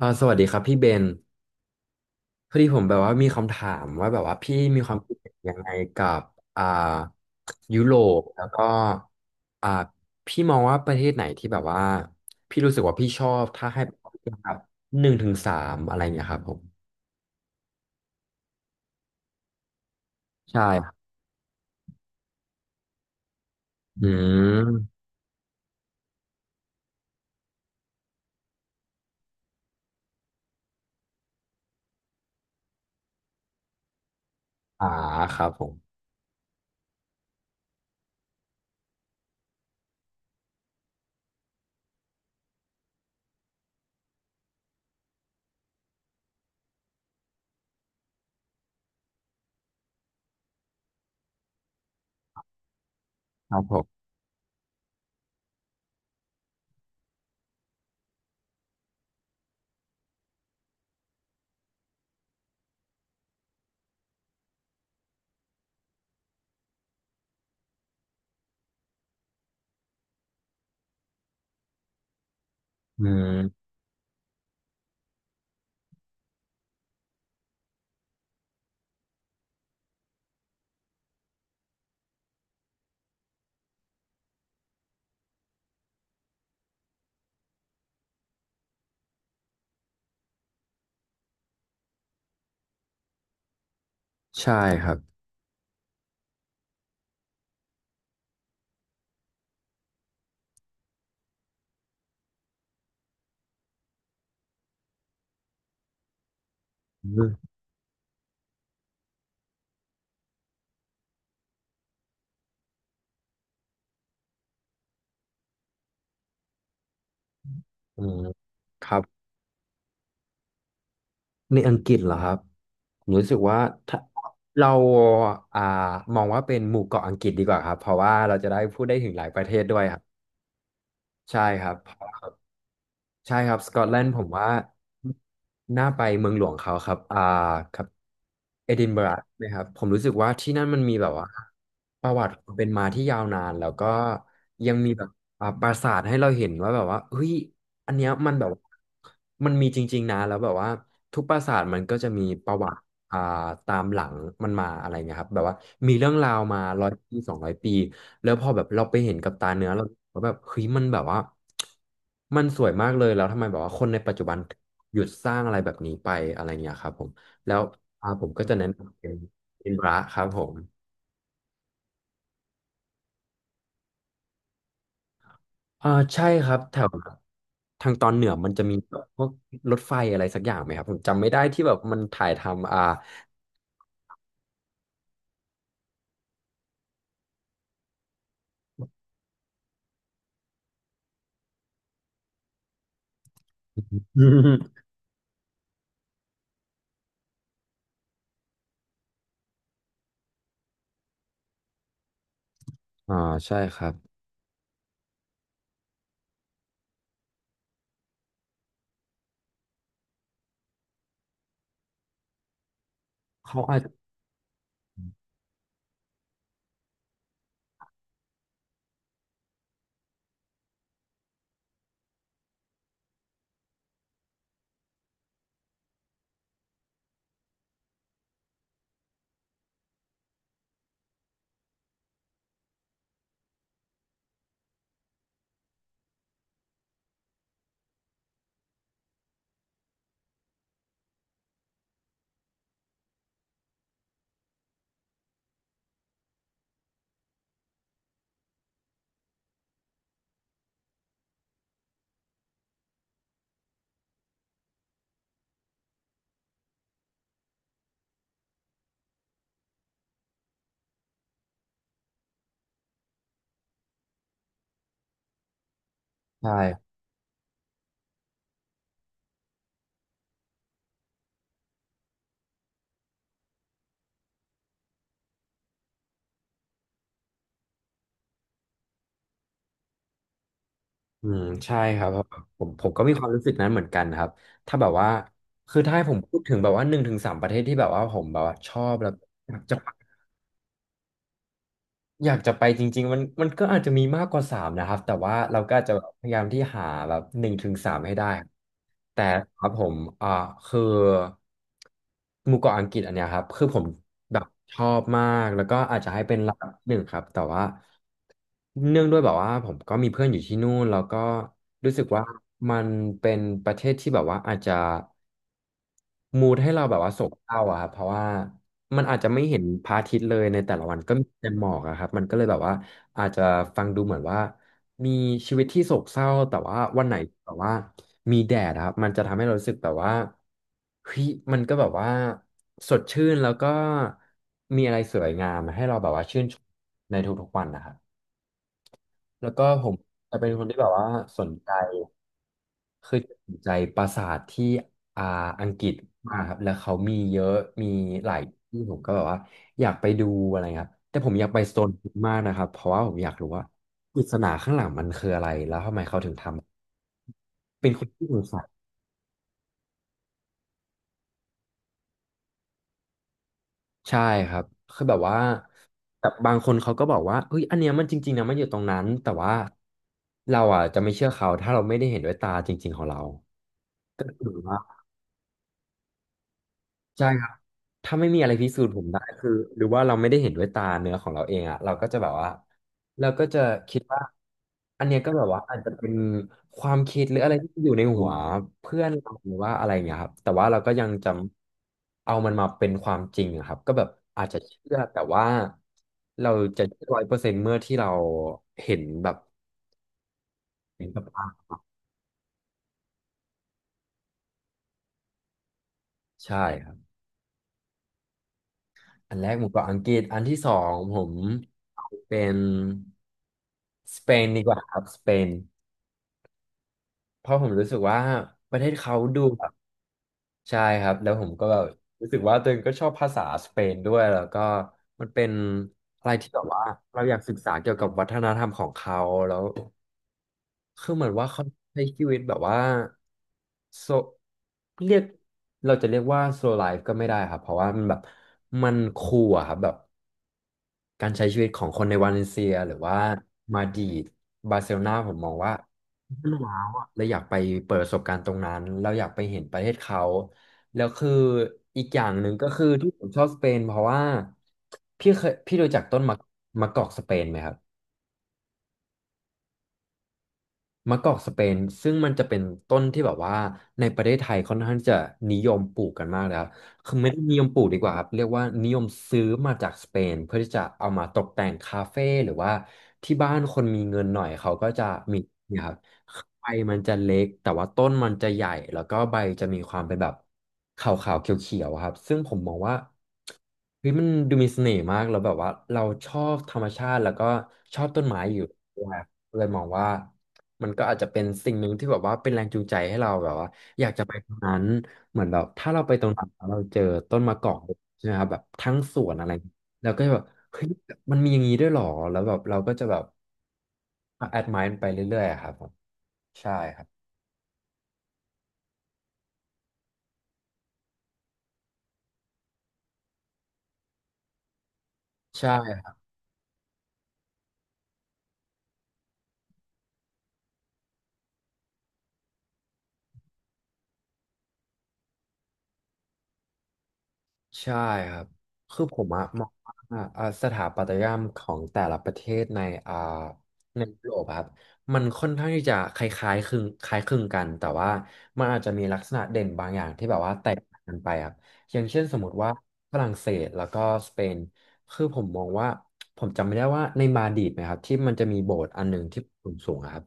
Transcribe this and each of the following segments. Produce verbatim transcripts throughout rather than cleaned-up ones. อ่าสวัสดีครับพี่เบนพอดีผมแบบว่ามีคำถามว่าแบบว่าพี่มีความคิดเห็นยังไงกับอ่ายุโรปแล้วก็อ่าพี่มองว่าประเทศไหนที่แบบว่าพี่รู้สึกว่าพี่ชอบถ้าให้แบบครับหนึ่งถึงสามอะไรเงี้ยครับผมใช่ครับอืมอ่าครับผมครับผมอืมใช่ครับอืมอืมครับ ในอังกฤษเหรอครับผมรู้สึกว่าถ้าเราอ่ามองว่าเป็นหมู่เกาะอังกฤษดีกว่าครับเพราะว่าเราจะได้พูดได้ถึงหลายประเทศด้วยครับใช่ครับเพราะว่าใช่ครับสกอตแลนด์ผมว่าน่าไปเมืองหลวงเขาครับอ่าครับเอดินบะระนะครับผมรู้สึกว่าที่นั่นมันมีแบบว่าประวัติความเป็นมาที่ยาวนานแล้วก็ยังมีแบบอ่าปราสาทให้เราเห็นว่าแบบว่าเฮ้ยอันเนี้ยมันแบบว่ามันมีจริงๆนะแล้วแบบว่าทุกปราสาทมันก็จะมีประวัติ อ่าตามหลังมันมาอะไรเงี้ยครับแบบว่ามีเรื่องราวมาร้อยปีสองร้อยปีแล้วพอแบบเราไปเห็นกับตาเนื้อเราก็แบบเฮ้ยมันแบบว่ามันสวยมากเลยแล้วทำไมแบบว่าคนในปัจจุบันหยุดสร้างอะไรแบบนี้ไปอะไรเงี้ยครับผมแล้วอ่าผมก็จะแนะนำเป็นเป็นระครับผมอ่าใช่ครับแถวทางตอนเหนือมันจะมีแบบพวกรถไฟอะไรสักอย่างไหมครับผมจำไม่ได้ที่แบบมันถ่ายทำอ่า อ่าใช่ครับเขาอาจจะใช่ อืมใช่ครับเพราะผมผมก็มีความรู้สึกนั้นเหมือนกันครับถ้าแบบว่าคือถ้าให้ผมพูดถึงแบบว่าหนึ่งถึงสามประเทศที่แบบว่าผมแบบว่าชอบแล้วอยากจะไป อยากจะไปจริงๆมันมันก็อาจจะมีมากกว่าสามนะครับแต่ว่าเราก็อาจจะแบบพยายามที่หาแบบหนึ่งถึงสามให้ได้ครับแต่ครับผมอ่าคือหมู่เกาะอังกฤษอันเนี้ยครับคือผมแบบชอบมากแล้วก็อาจจะให้เป็นลำดับหนึ่งครับแต่ว่าเนื่องด้วยแบบว่าผมก็มีเพื่อนอยู่ที่นู่นแล้วก็รู้สึกว่ามันเป็นประเทศที่แบบว่าอาจจะ มูดให้เราแบบว่าโศกเศร้าอะครับเพราะว่ามันอาจจะไม่เห็นพระอาทิตย์เลยในแต่ละวันก็มีแต่หมอกอะครับมันก็เลยแบบว่าอาจจะฟังดูเหมือนว่ามีชีวิตที่โศกเศร้าแต่ว่าวันไหนแบบว่ามีแดดอะครับมันจะทำให้เรารู้สึกแบบว่าเฮ้ยมันก็แบบว่าสดชื่นแล้วก็มีอะไรสวยงามให้เราแบบว่าชื่นชมในทุกๆวันนะครับแล้วก็ผมจะเป็นคนที่แบบว่าสนใจ เคยสนใจปราสาทที่อ่าอังกฤษมากครับแล้วเขามีเยอะมีหลายที่ผมก็แบบว่าอยากไปดูอะไรครับแต่ผมอยากไปสโตนฮิลล์มากนะครับเพราะว่าผมอยากรู้ว่าปริศนาข้างหลังมันคืออะไรเป็นคนที่สงสัยใช่ครับคือแบบว่าแต่บางคนเขาก็บอกว่าเฮ้ยอันเนี้ยมันจริงๆนะมันอยู่ตรงนั้นแต่ว่าเราอ่ะจะไม่เชื่อเขาถ้าเราไม่ได้เห็นด้วยตาจริงๆของเรา ใช่ครับถ้าไม่มีอะไรพิสูจน์ผมได้คือหรือว่าเราไม่ได้เห็นด้วยตาเนื้อของเราเองอะเราก็จะแบบว่าเราก็จะคิดว่าอันเนี้ยก็แบบว่าอาจจะเป็นความคิดหรืออะไรที่อยู่ในหัวเพื่อนเราหรือว่าอะไรเงี้ยครับแต่ว่าเราก็ยังจำเอามันมาเป็นความจริงอะครับก็แบบอาจจะเชื่อแต่ว่าเราจะร้อยเปอร์เซ็นต์เมื่อที่เราเห็นแบบเห็นกับตาใช่ครับ อันแรกหมูเกรอบอังกฤษอันที่สองผมเป็นสเปนดีกว่าครับสเปนเพราะผมรู้สึกว่าประเทศเขาดูแบบใช่ครับแล้วผมก็แบบรู้สึกว่าตัวเองก็ชอบภาษาสเปนด้วยแล้วก็มันเป็นอะไรที่แบบว่าเราอยากศึกษาเกี่ยวกับวัฒนธรรมของเขาแล้วคือเหมือนว่าเขาใช้ชีวิตแบบว่าโซเรียกเราจะเรียกว่าโซไลฟ์ก็ไม่ได้ครับเพราะว่ามันแบบมันคูลอะครับแบบ การใช้ชีวิตของคนในวาเลนเซียหรือว่ามาดริดบาร์เซโลนาผมมองว่ามันว้าวอะเราอยากไปเปิดประสบการณ์ตรงนั้นเราอยากไปเห็นประเทศเขาแล้วคืออีกอย่างหนึ่งก็คือที่ผมชอบสเปนเพราะว่าพี่เคยพี่รู้จักต้นมะมะกอกสเปนไหมครับ มะกอกสเปนซึ่งมันจะเป็นต้นที่แบบว่าในประเทศไทยค่อนข้างจะนิยมปลูกกันมากแล้คคือไม่ได้นิยมปลูกดีกว่าครับเรียกว่านิยมซื้อมาจากสเปนเพื่อที่จะเอามาตกแต่งคาเฟ่หรือว่าที่บ้านคนมีเงินหน่อยเขาก็จะมีเนะครับใบมันจะเล็กแต่ว่าต้นมันจะใหญ่แล้วก็ใบจะมีความเป็นแบบขาวๆเขียวๆอะครับซึ่งผมมองว่าเฮ้ยมันดูมีเสน่ห์มากแล้วแบบว่าเราชอบธรรมชาติแล้วก็ชอบต้นไม้อยู่ด้วยครับเลยมองว่า มันก็อาจจะเป็นสิ่งหนึ่งที่แบบว่าเป็นแรงจูงใจให้เราแบบว่านั้นเหมือนแบบถ้าเราไปตรงนั้นแล้วเราเจอต้นมะกอกใช่ไหมครับแบบทั้งสวนอะไรเราก็จะแบบเฮ้ยมันมีอย่างนี้ด้วยเหรอแล้วแบบเราก็จะแบบแอดมายไปเรื่อยๆอะครับผมใช่ครับใช่ ใช่ครับคือผมอะมองว่าอ่าสถาปัตยกรรมของแต่ละประเทศในอ่าในยุโรปอะครับมันค่อนข้างที่จะคล้ายๆคลึงคล้ายคลึงกันแต่ว่ามันอาจจะมีลักษณะเด่นบางอย่างที่แบบว่าแตกต่างกันไปครับอย่างเช่นสมมติว่าฝรั่งเศสแล้วก็สเปนคือผมมองว่าผมจำไม่ได้ว่าในมาดริดนะครับที่มันจะมีโบสถ์อันหนึ่งที่สูงๆอะครับ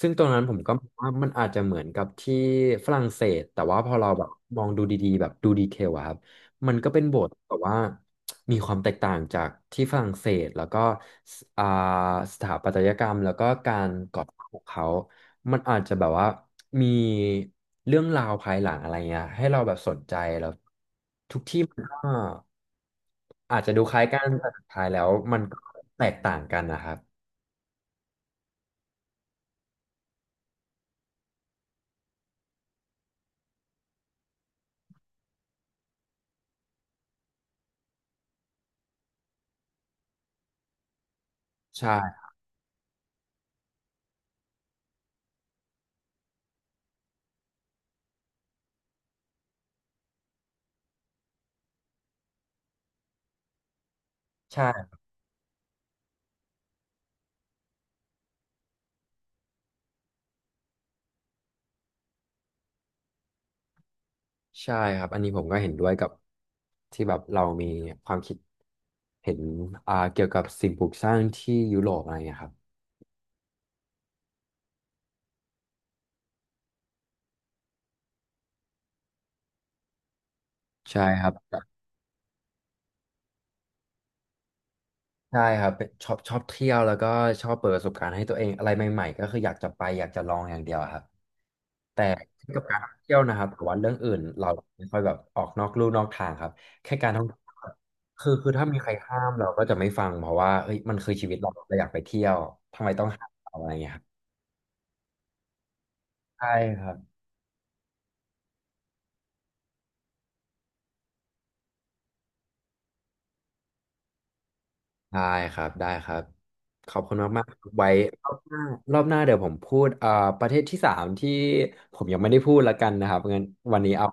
ซึ่งตรงนั้นผมก็มองว่ามันอาจจะเหมือนกับที่ฝรั่งเศสแต่ว่าพอเราแบบมองดูดีๆแบบดูดีเทลอะครับ มันก็เป็นโบสถ์แบบว่ามีความแตกต่างจากที่ฝรั่งเศสแล้วก็สอ่าสถาปัตยกรรมแล้วก็การก่อสร้างของเขา มันอาจจะแบบว่ามีเรื่องราวภายหลังอะไรเงี้ยให้เราแบบสนใจแล้วทุกที่มันก็อาจจะดูคล้ายกันแต่สุดท้ายแล้วมันก็แตกต่างกันนะครับใช่ใช่ใช่ครับอันนี้ผมก็เห็นด้วยกับที่แบบเรามีความคิดเห็นอ่าเกี่ยวกับสิ่งปลูกสร้างที่ยุโรปอะไรเงี้ยครับ ใช่ครับใช่ครับเป็นชอบชอบเที่ยวแล้วก็ชอบเปิดประสบการณ์ให้ตัวเองอะไรใหม่ๆก็คืออยากจะไปอยากจะลองอย่างเดียวอะครับแต่เกี่ยวกับการท่องเที่ยวนะครับแต่ว่าเรื่องอื่นเราไม่ค่อยแบบออกนอกลู่นอกทางครับแค่การท่องเที่ยวครับคือคือถ้ามีใครห้ามเราก็จะไม่ฟังเพราะว่าเฮ้ยมันคือชีวิตเราเราอยากไปเที่ยวทำไมต้องห้ามเราอะไรอย่างเงี้ยครับใช่ครับ ได้ครับได้ครับ ขอบคุณมากๆครับไว้รอบหน้ารอบหน้าเดี๋ยวผมพูดเอ่อประเทศที่สามที่ผมยังไม่ได้พูดละกันนะครับงั้นวันนี้เอา